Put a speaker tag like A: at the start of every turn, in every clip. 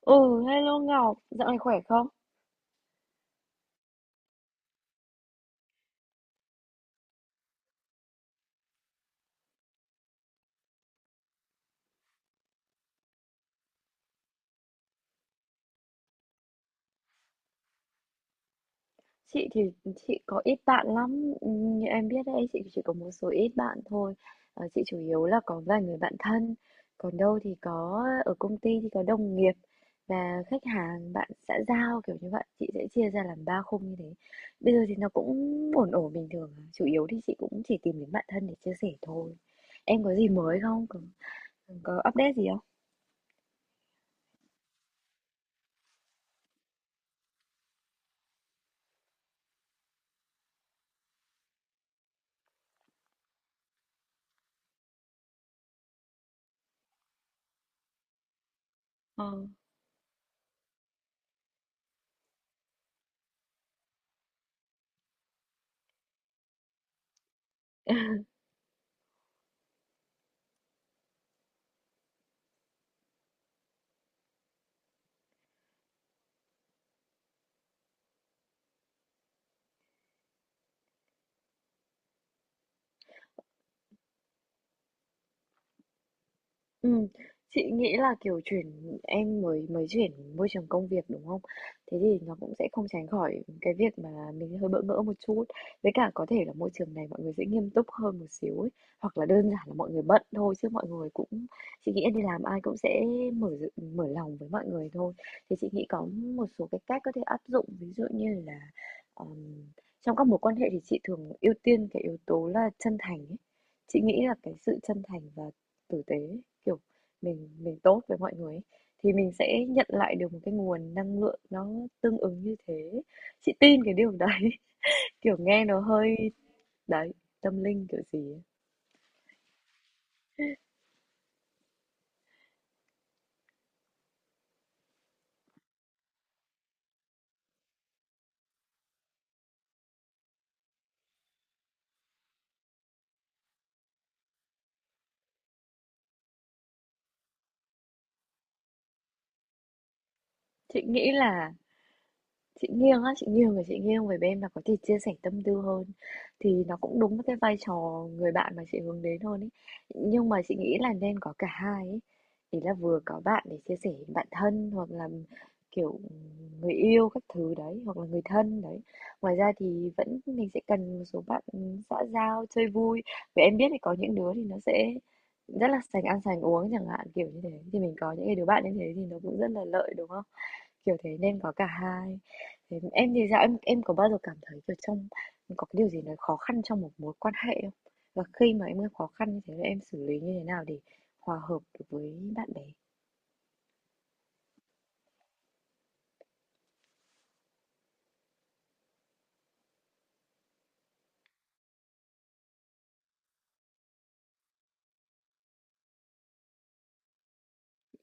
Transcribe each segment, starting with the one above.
A: Ừ, hello Ngọc, dạo này khỏe không? Chị thì chị có ít bạn lắm, như em biết đấy, chị chỉ có một số ít bạn thôi. Chị chủ yếu là có vài người bạn thân, còn đâu thì có ở công ty thì có đồng nghiệp và khách hàng, bạn xã giao kiểu như vậy. Chị sẽ chia ra làm ba khung như thế. Bây giờ thì nó cũng ổn ổn bình thường, à. Chủ yếu thì chị cũng chỉ tìm đến bạn thân để chia sẻ thôi. Em có gì mới không? Có update gì không? Ờ. Ừm, chị nghĩ là, kiểu, chuyển em mới mới chuyển môi trường công việc, đúng không? Thế thì nó cũng sẽ không tránh khỏi cái việc mà mình hơi bỡ ngỡ một chút. Với cả có thể là môi trường này mọi người sẽ nghiêm túc hơn một xíu ấy, hoặc là đơn giản là mọi người bận thôi chứ mọi người cũng chị nghĩ đi làm ai cũng sẽ mở d mở lòng với mọi người thôi. Thì chị nghĩ có một số cái cách có thể áp dụng, ví dụ như là, ờm, trong các mối quan hệ thì chị thường ưu tiên cái yếu tố là chân thành ấy. Chị nghĩ là cái sự chân thành và tử tế, kiểu, mình tốt với mọi người ấy, thì mình sẽ nhận lại được một cái nguồn năng lượng nó tương ứng như thế. Chị tin cái điều đấy, kiểu, nghe nó hơi đấy, tâm linh kiểu gì ấy. Chị nghĩ là Chị nghiêng á, chị nghiêng về bên là có thể chia sẻ tâm tư hơn, thì nó cũng đúng với cái vai trò người bạn mà chị hướng đến hơn ấy. Nhưng mà chị nghĩ là nên có cả hai ấy. Ý là vừa có bạn để chia sẻ bạn thân, hoặc là kiểu người yêu các thứ đấy, hoặc là người thân đấy. Ngoài ra thì vẫn mình sẽ cần một số bạn xã giao chơi vui. Vì em biết thì có những đứa thì nó sẽ rất là sành ăn sành uống chẳng hạn, kiểu như thế thì mình có những cái đứa bạn như thế thì nó cũng rất là lợi, đúng không? Kiểu thế nên có cả hai. Thế em thì sao? Em có bao giờ cảm thấy kiểu có cái điều gì nó khó khăn trong một mối quan hệ không? Và khi mà em gặp khó khăn như thế thì em xử lý như thế nào để hòa hợp được với bạn bè?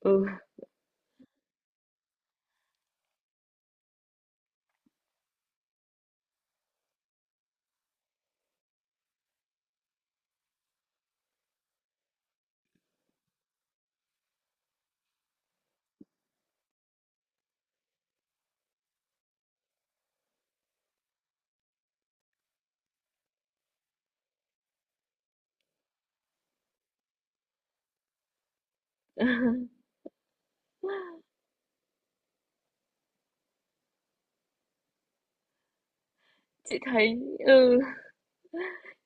A: Ừ. chị thấy ừ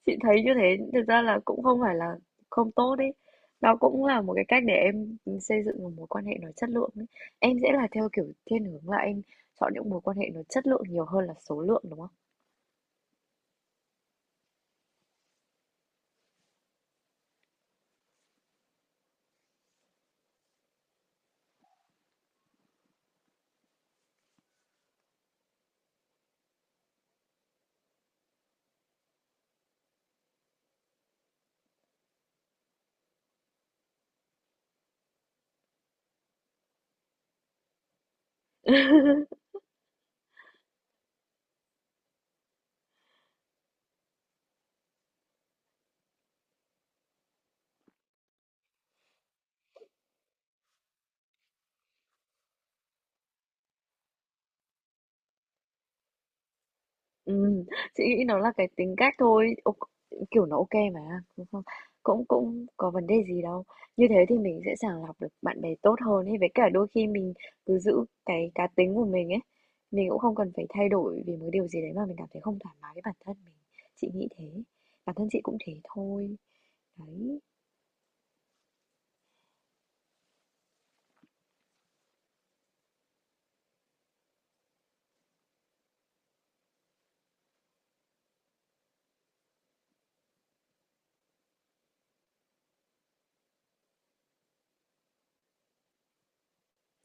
A: chị thấy như thế thực ra là cũng không phải là không tốt đấy, đó cũng là một cái cách để em xây dựng một mối quan hệ nó chất lượng ấy. Em sẽ là theo kiểu thiên hướng là em chọn những mối quan hệ nó chất lượng nhiều hơn là số lượng, đúng không? Ừm, chị nghĩ nó là cái tính cách thôi, kiểu, nó mà, đúng không? Cũng cũng có vấn đề gì đâu. Như thế thì mình sẽ sàng lọc được bạn bè tốt hơn ấy, với cả đôi khi mình cứ giữ cái cá tính của mình ấy, mình cũng không cần phải thay đổi vì một điều gì đấy mà mình cảm thấy không thoải mái với bản thân mình. Chị nghĩ thế, bản thân chị cũng thế thôi. Đấy.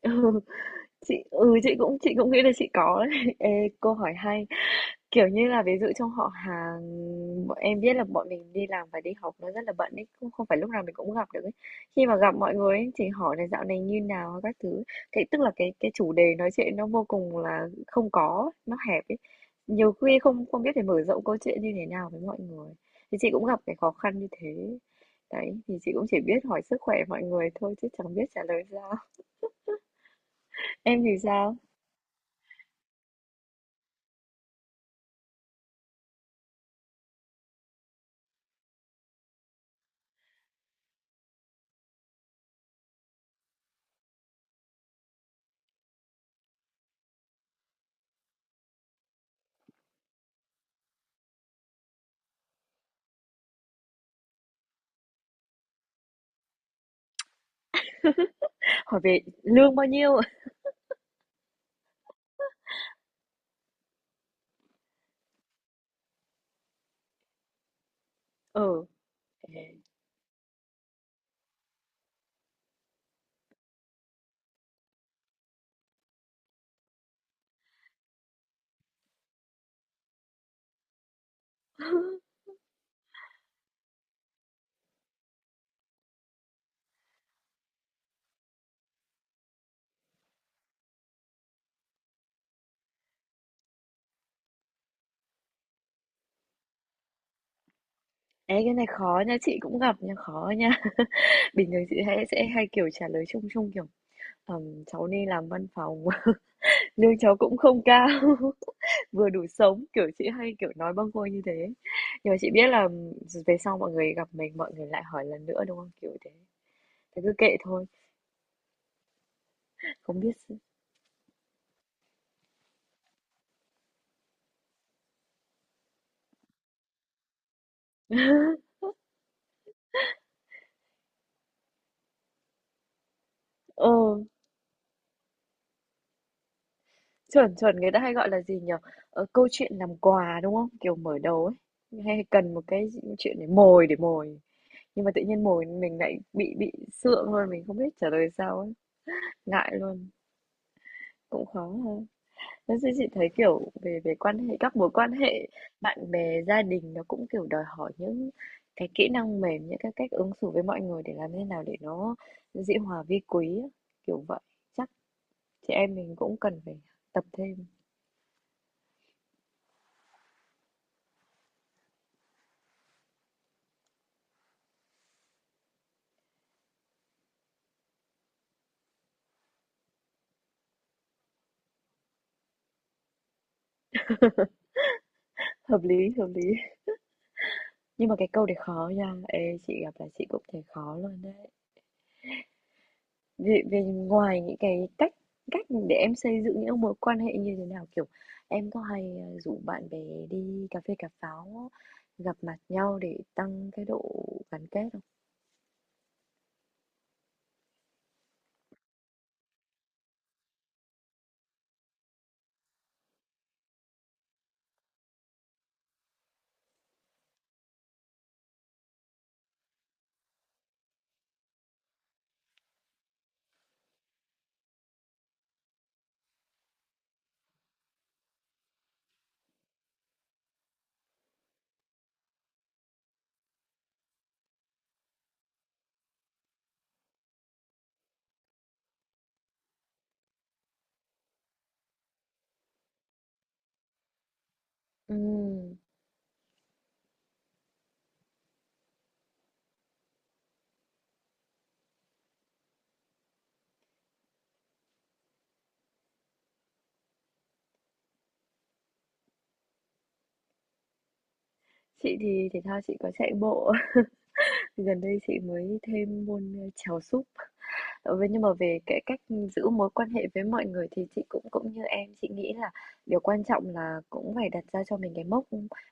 A: Ừ, chị cũng nghĩ là chị có đấy. Ê, câu hỏi hay. Kiểu như là, ví dụ trong họ hàng, bọn em biết là bọn mình đi làm và đi học nó rất là bận ấy, không không phải lúc nào mình cũng gặp được ấy. Khi mà gặp mọi người ấy, thì hỏi là dạo này như nào các thứ, thế tức là cái chủ đề nói chuyện nó vô cùng là không có, nó hẹp ấy. Nhiều khi không không biết phải mở rộng câu chuyện như thế nào với mọi người. Thì chị cũng gặp cái khó khăn như thế. Đấy, thì chị cũng chỉ biết hỏi sức khỏe mọi người thôi chứ chẳng biết trả lời sao. Em thì sao? Hỏi về lương bao nhiêu? Ừ. Ê, cái này khó nha, chị cũng gặp nha, khó nha. Bình thường chị hay sẽ kiểu trả lời chung chung kiểu cháu đi làm văn phòng, lương cháu cũng không cao, vừa đủ sống", kiểu chị hay kiểu nói bâng quơ như thế. Nhưng mà chị biết là về sau mọi người gặp mình, mọi người lại hỏi lần nữa, đúng không? Kiểu thế. Thế cứ kệ thôi, không biết s ờ. Chuẩn, chuẩn, người ta hay gọi là gì nhỉ? Câu chuyện làm quà, đúng không? Kiểu mở đầu ấy, hay cần một cái chuyện để mồi, nhưng mà tự nhiên mồi mình lại bị sượng luôn, mình không biết trả lời sao ấy, ngại luôn, cũng khó ha. Thế thì chị thấy, kiểu, về về quan hệ các mối quan hệ bạn bè, gia đình nó cũng, kiểu, đòi hỏi những cái kỹ năng mềm, những cái cách ứng xử với mọi người để làm thế nào để nó dĩ hòa vi quý á, kiểu vậy. Chắc chị em mình cũng cần phải tập thêm. Hợp lý, hợp lý. Nhưng mà cái câu đấy khó nha. Ê, chị gặp là chị cũng thấy khó luôn đấy. Vì ngoài những cái cách cách để em xây dựng những mối quan hệ như thế nào, kiểu em có hay rủ bạn bè đi cà phê cà pháo, gặp mặt nhau để tăng cái độ gắn kết không? Ừm, Chị thì thể thao chị có chạy bộ. Gần đây chị mới thêm môn chèo súp. Vậy nhưng mà về cái cách giữ mối quan hệ với mọi người thì chị cũng cũng như em, chị nghĩ là điều quan trọng là cũng phải đặt ra cho mình cái mốc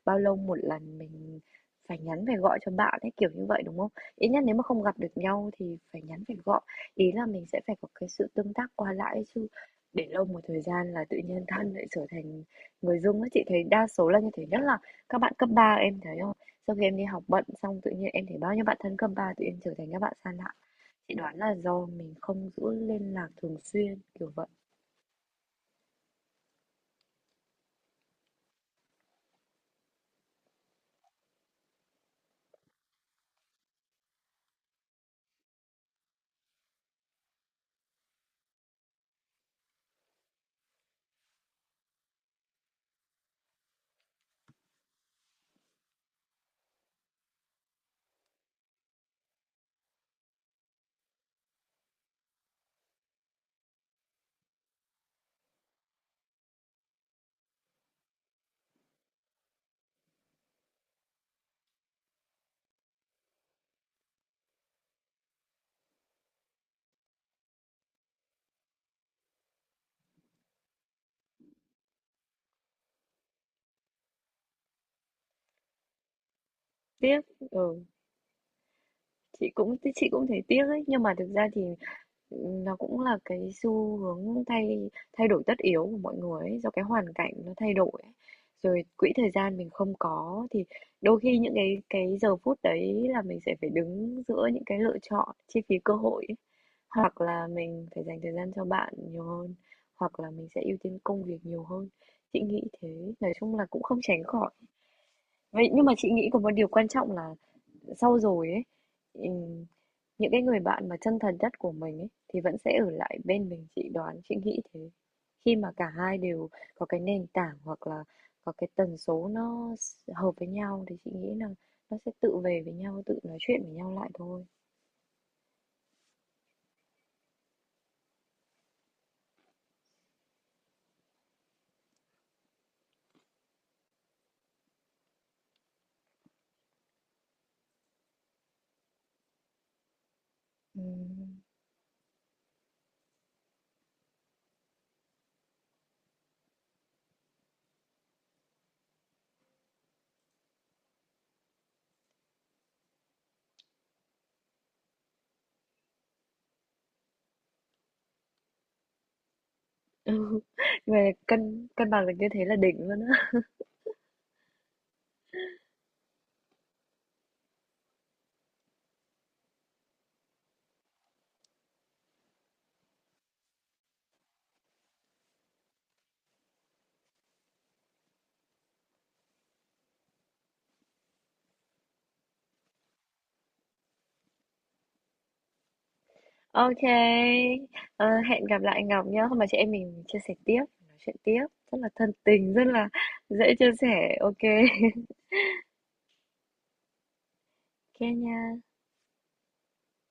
A: bao lâu một lần mình phải nhắn phải gọi cho bạn ấy, kiểu như vậy đúng không? Ít nhất nếu mà không gặp được nhau thì phải nhắn phải gọi. Ý là mình sẽ phải có cái sự tương tác qua lại ấy chứ. Để lâu một thời gian là tự nhiên thân lại trở thành người dưng ấy. Chị thấy đa số là như thế, nhất là các bạn cấp ba, em thấy không? Sau khi em đi học bận xong tự nhiên em thấy bao nhiêu bạn thân cấp 3 tự nhiên trở thành các bạn xa lạ. Chị đoán là do mình không giữ liên lạc thường xuyên, kiểu vậy. Tiếc, ừ. Chị cũng thấy tiếc ấy, nhưng mà thực ra thì nó cũng là cái xu hướng thay thay đổi tất yếu của mọi người ấy, do cái hoàn cảnh nó thay đổi ấy. Rồi quỹ thời gian mình không có thì đôi khi những cái giờ phút đấy là mình sẽ phải đứng giữa những cái lựa chọn chi phí cơ hội ấy. Hoặc là mình phải dành thời gian cho bạn nhiều hơn, hoặc là mình sẽ ưu tiên công việc nhiều hơn, chị nghĩ thế. Nói chung là cũng không tránh khỏi, vậy nhưng mà chị nghĩ có một điều quan trọng là sau rồi ấy, ừm, những cái người bạn mà chân thật nhất của mình ấy, thì vẫn sẽ ở lại bên mình, chị đoán, chị nghĩ thế. Khi mà cả hai đều có cái nền tảng, hoặc là có cái tần số nó hợp với nhau thì chị nghĩ là nó sẽ tự về với nhau, tự nói chuyện với nhau lại thôi. Ừm. Ừ. Về cân cân bằng được như thế là đỉnh luôn á. Ok. Ờ, hẹn gặp lại Ngọc nhá. Hôm mà chị em mình chia sẻ tiếp, nói chuyện tiếp, rất là thân tình, rất là dễ chia sẻ. Ok. Kenya